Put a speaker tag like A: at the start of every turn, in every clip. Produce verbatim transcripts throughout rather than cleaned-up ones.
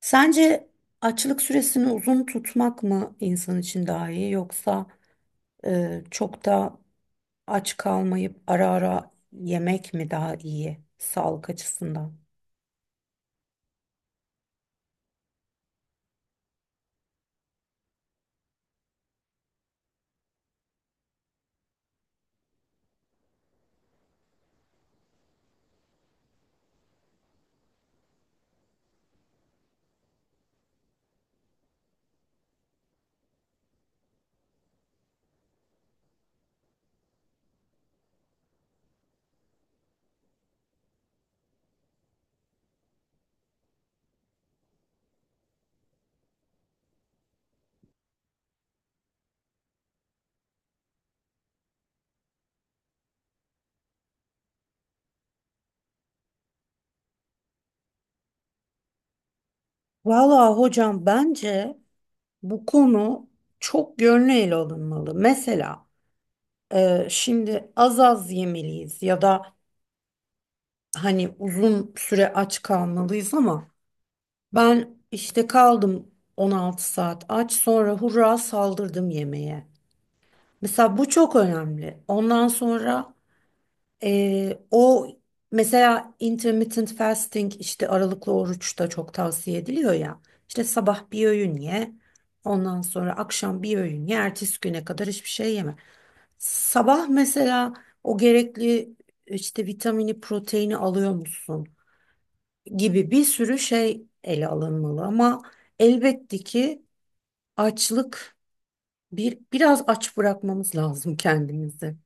A: Sence açlık süresini uzun tutmak mı insan için daha iyi yoksa e, çok da aç kalmayıp ara ara yemek mi daha iyi sağlık açısından? Valla hocam bence bu konu çok yönlü ele alınmalı. Mesela e, şimdi az az yemeliyiz ya da hani uzun süre aç kalmalıyız ama ben işte kaldım on altı saat aç, sonra hurra saldırdım yemeğe. Mesela bu çok önemli. Ondan sonra eee, o mesela intermittent fasting, işte aralıklı oruç da çok tavsiye ediliyor ya. İşte sabah bir öğün ye, ondan sonra akşam bir öğün ye, ertesi güne kadar hiçbir şey yeme. Sabah mesela o gerekli işte vitamini, proteini alıyor musun gibi bir sürü şey ele alınmalı ama elbette ki açlık bir biraz aç bırakmamız lazım kendimizi.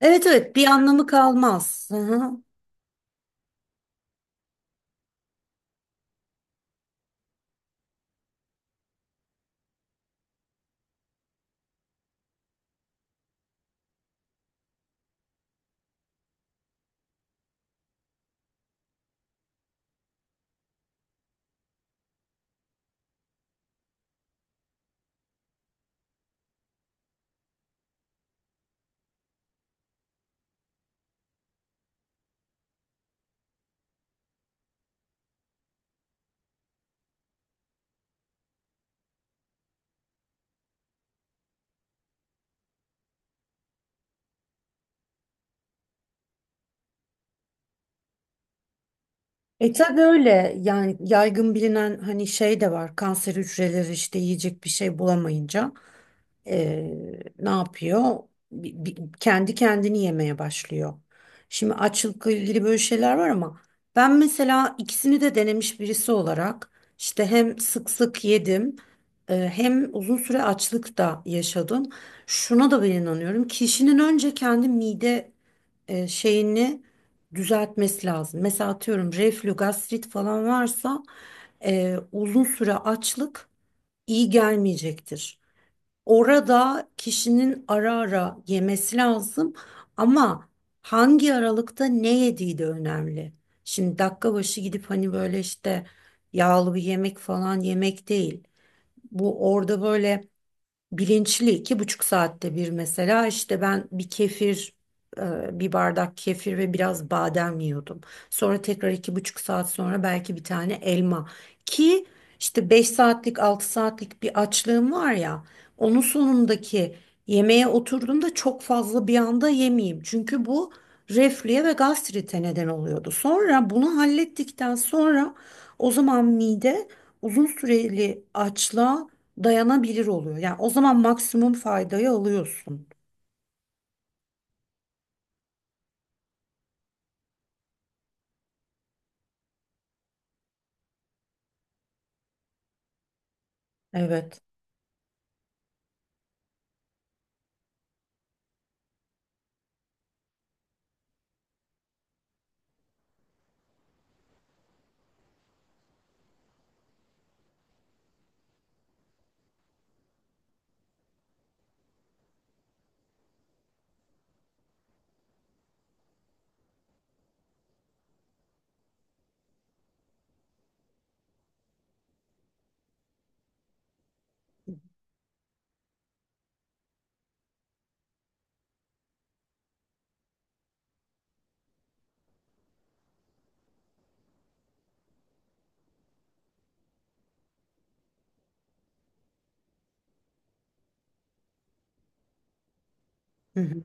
A: Evet evet, bir anlamı kalmaz. Hı hı. E tabii öyle, yani yaygın bilinen hani şey de var, kanser hücreleri işte yiyecek bir şey bulamayınca e, ne yapıyor? Bi- bi- kendi kendini yemeye başlıyor. Şimdi açlıkla ilgili böyle şeyler var ama ben mesela ikisini de denemiş birisi olarak işte hem sık sık yedim, e, hem uzun süre açlık da yaşadım. Şuna da ben inanıyorum, kişinin önce kendi mide e, şeyini düzeltmesi lazım. Mesela atıyorum reflü, gastrit falan varsa e, uzun süre açlık iyi gelmeyecektir. Orada kişinin ara ara yemesi lazım ama hangi aralıkta ne yediği de önemli. Şimdi dakika başı gidip hani böyle işte yağlı bir yemek falan yemek değil. Bu orada böyle bilinçli iki buçuk saatte bir, mesela işte ben bir kefir, e, bir bardak kefir ve biraz badem yiyordum. Sonra tekrar iki buçuk saat sonra belki bir tane elma, ki işte beş saatlik altı saatlik bir açlığım var ya, onun sonundaki yemeğe oturduğumda çok fazla bir anda yemeyeyim. Çünkü bu reflüye ve gastrite neden oluyordu. Sonra bunu hallettikten sonra o zaman mide uzun süreli açlığa dayanabilir oluyor. Yani o zaman maksimum faydayı alıyorsun. Evet. Hı hı.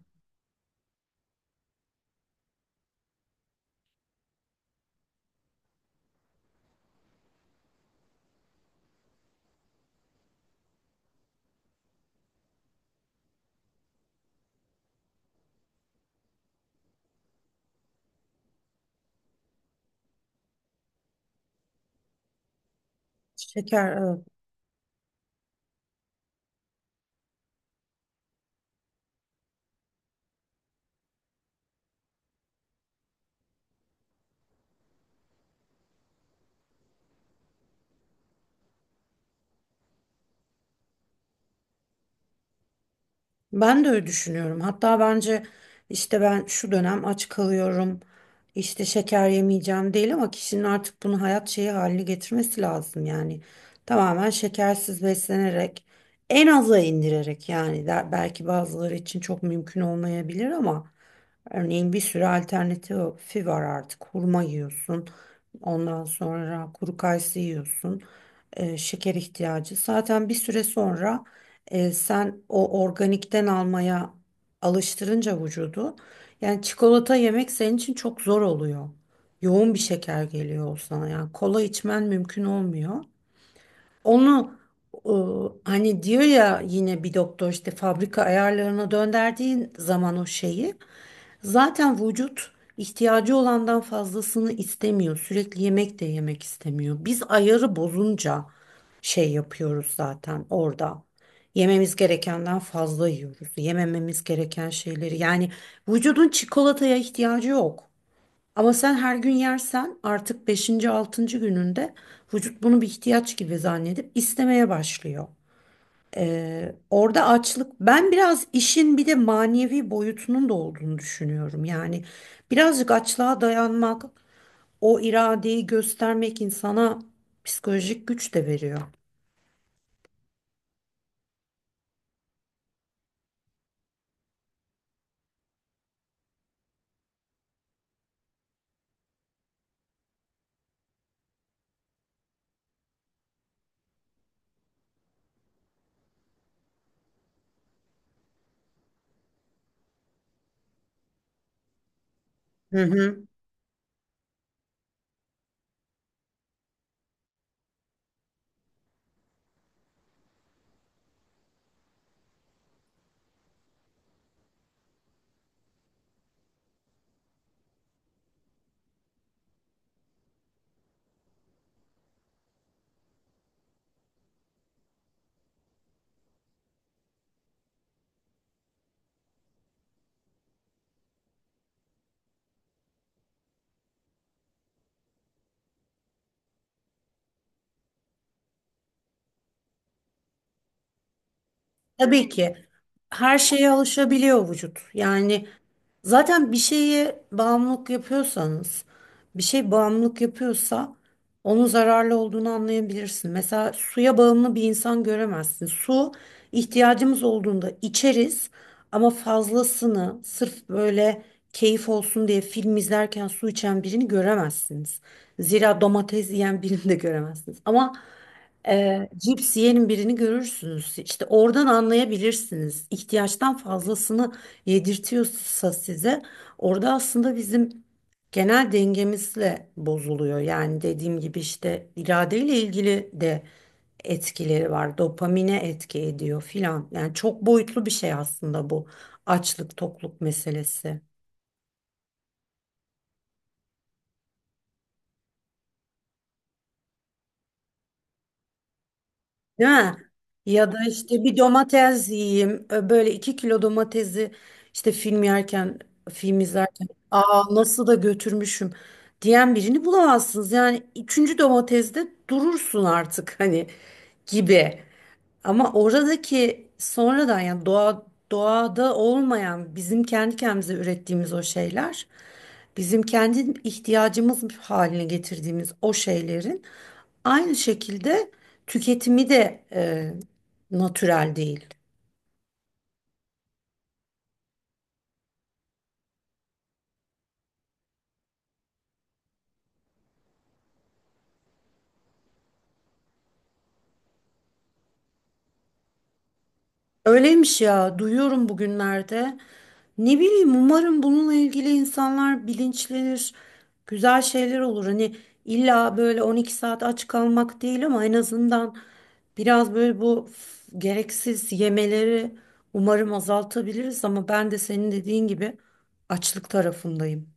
A: Şeker, evet. Ben de öyle düşünüyorum. Hatta bence işte ben şu dönem aç kalıyorum, işte şeker yemeyeceğim değil, ama kişinin artık bunu hayat şeyi haline getirmesi lazım yani. Tamamen şekersiz beslenerek, en aza indirerek, yani der- belki bazıları için çok mümkün olmayabilir ama örneğin bir sürü alternatifi var artık. Hurma yiyorsun, ondan sonra kuru kayısı yiyorsun, e, şeker ihtiyacı. Zaten bir süre sonra e, sen o organikten almaya alıştırınca vücudu, yani çikolata yemek senin için çok zor oluyor. Yoğun bir şeker geliyor o sana, yani kola içmen mümkün olmuyor. Onu e, hani diyor ya yine bir doktor, işte fabrika ayarlarına döndürdüğün zaman o şeyi, zaten vücut ihtiyacı olandan fazlasını istemiyor. Sürekli yemek de yemek istemiyor. Biz ayarı bozunca şey yapıyoruz zaten orada. Yememiz gerekenden fazla yiyoruz. Yemememiz gereken şeyleri. Yani vücudun çikolataya ihtiyacı yok. Ama sen her gün yersen artık beşinci altıncı gününde vücut bunu bir ihtiyaç gibi zannedip istemeye başlıyor. Ee, Orada açlık, ben biraz işin bir de manevi boyutunun da olduğunu düşünüyorum. Yani birazcık açlığa dayanmak, o iradeyi göstermek insana psikolojik güç de veriyor. Hı hı. Tabii ki her şeye alışabiliyor vücut. Yani zaten bir şeye bağımlılık yapıyorsanız, bir şey bağımlılık yapıyorsa onun zararlı olduğunu anlayabilirsin. Mesela suya bağımlı bir insan göremezsin. Su ihtiyacımız olduğunda içeriz ama fazlasını, sırf böyle keyif olsun diye film izlerken su içen birini göremezsiniz. Zira domates yiyen birini de göremezsiniz. Ama ee, cips yiyen birini görürsünüz. İşte oradan anlayabilirsiniz. İhtiyaçtan fazlasını yedirtiyorsa size, orada aslında bizim genel dengemizle bozuluyor. Yani dediğim gibi işte iradeyle ilgili de etkileri var. Dopamine etki ediyor filan. Yani çok boyutlu bir şey aslında bu açlık tokluk meselesi. Değil mi? Ya da işte bir domates yiyeyim. Ö, Böyle iki kilo domatesi işte film yerken, film izlerken, aa nasıl da götürmüşüm diyen birini bulamazsınız. Yani üçüncü domateste durursun artık, hani, gibi. Ama oradaki sonradan, yani doğa doğada olmayan bizim kendi kendimize ürettiğimiz o şeyler, bizim kendi ihtiyacımız haline getirdiğimiz o şeylerin aynı şekilde tüketimi de e, natürel değil. Öyleymiş ya, duyuyorum bugünlerde. Ne bileyim, umarım bununla ilgili insanlar bilinçlenir, güzel şeyler olur. Hani illa böyle on iki saat aç kalmak değil ama en azından biraz böyle bu f- gereksiz yemeleri umarım azaltabiliriz. Ama ben de senin dediğin gibi açlık tarafındayım.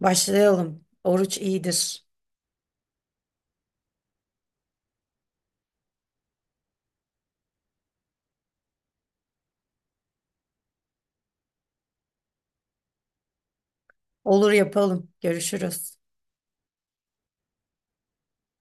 A: Başlayalım. Oruç iyidir. Olur, yapalım. Görüşürüz.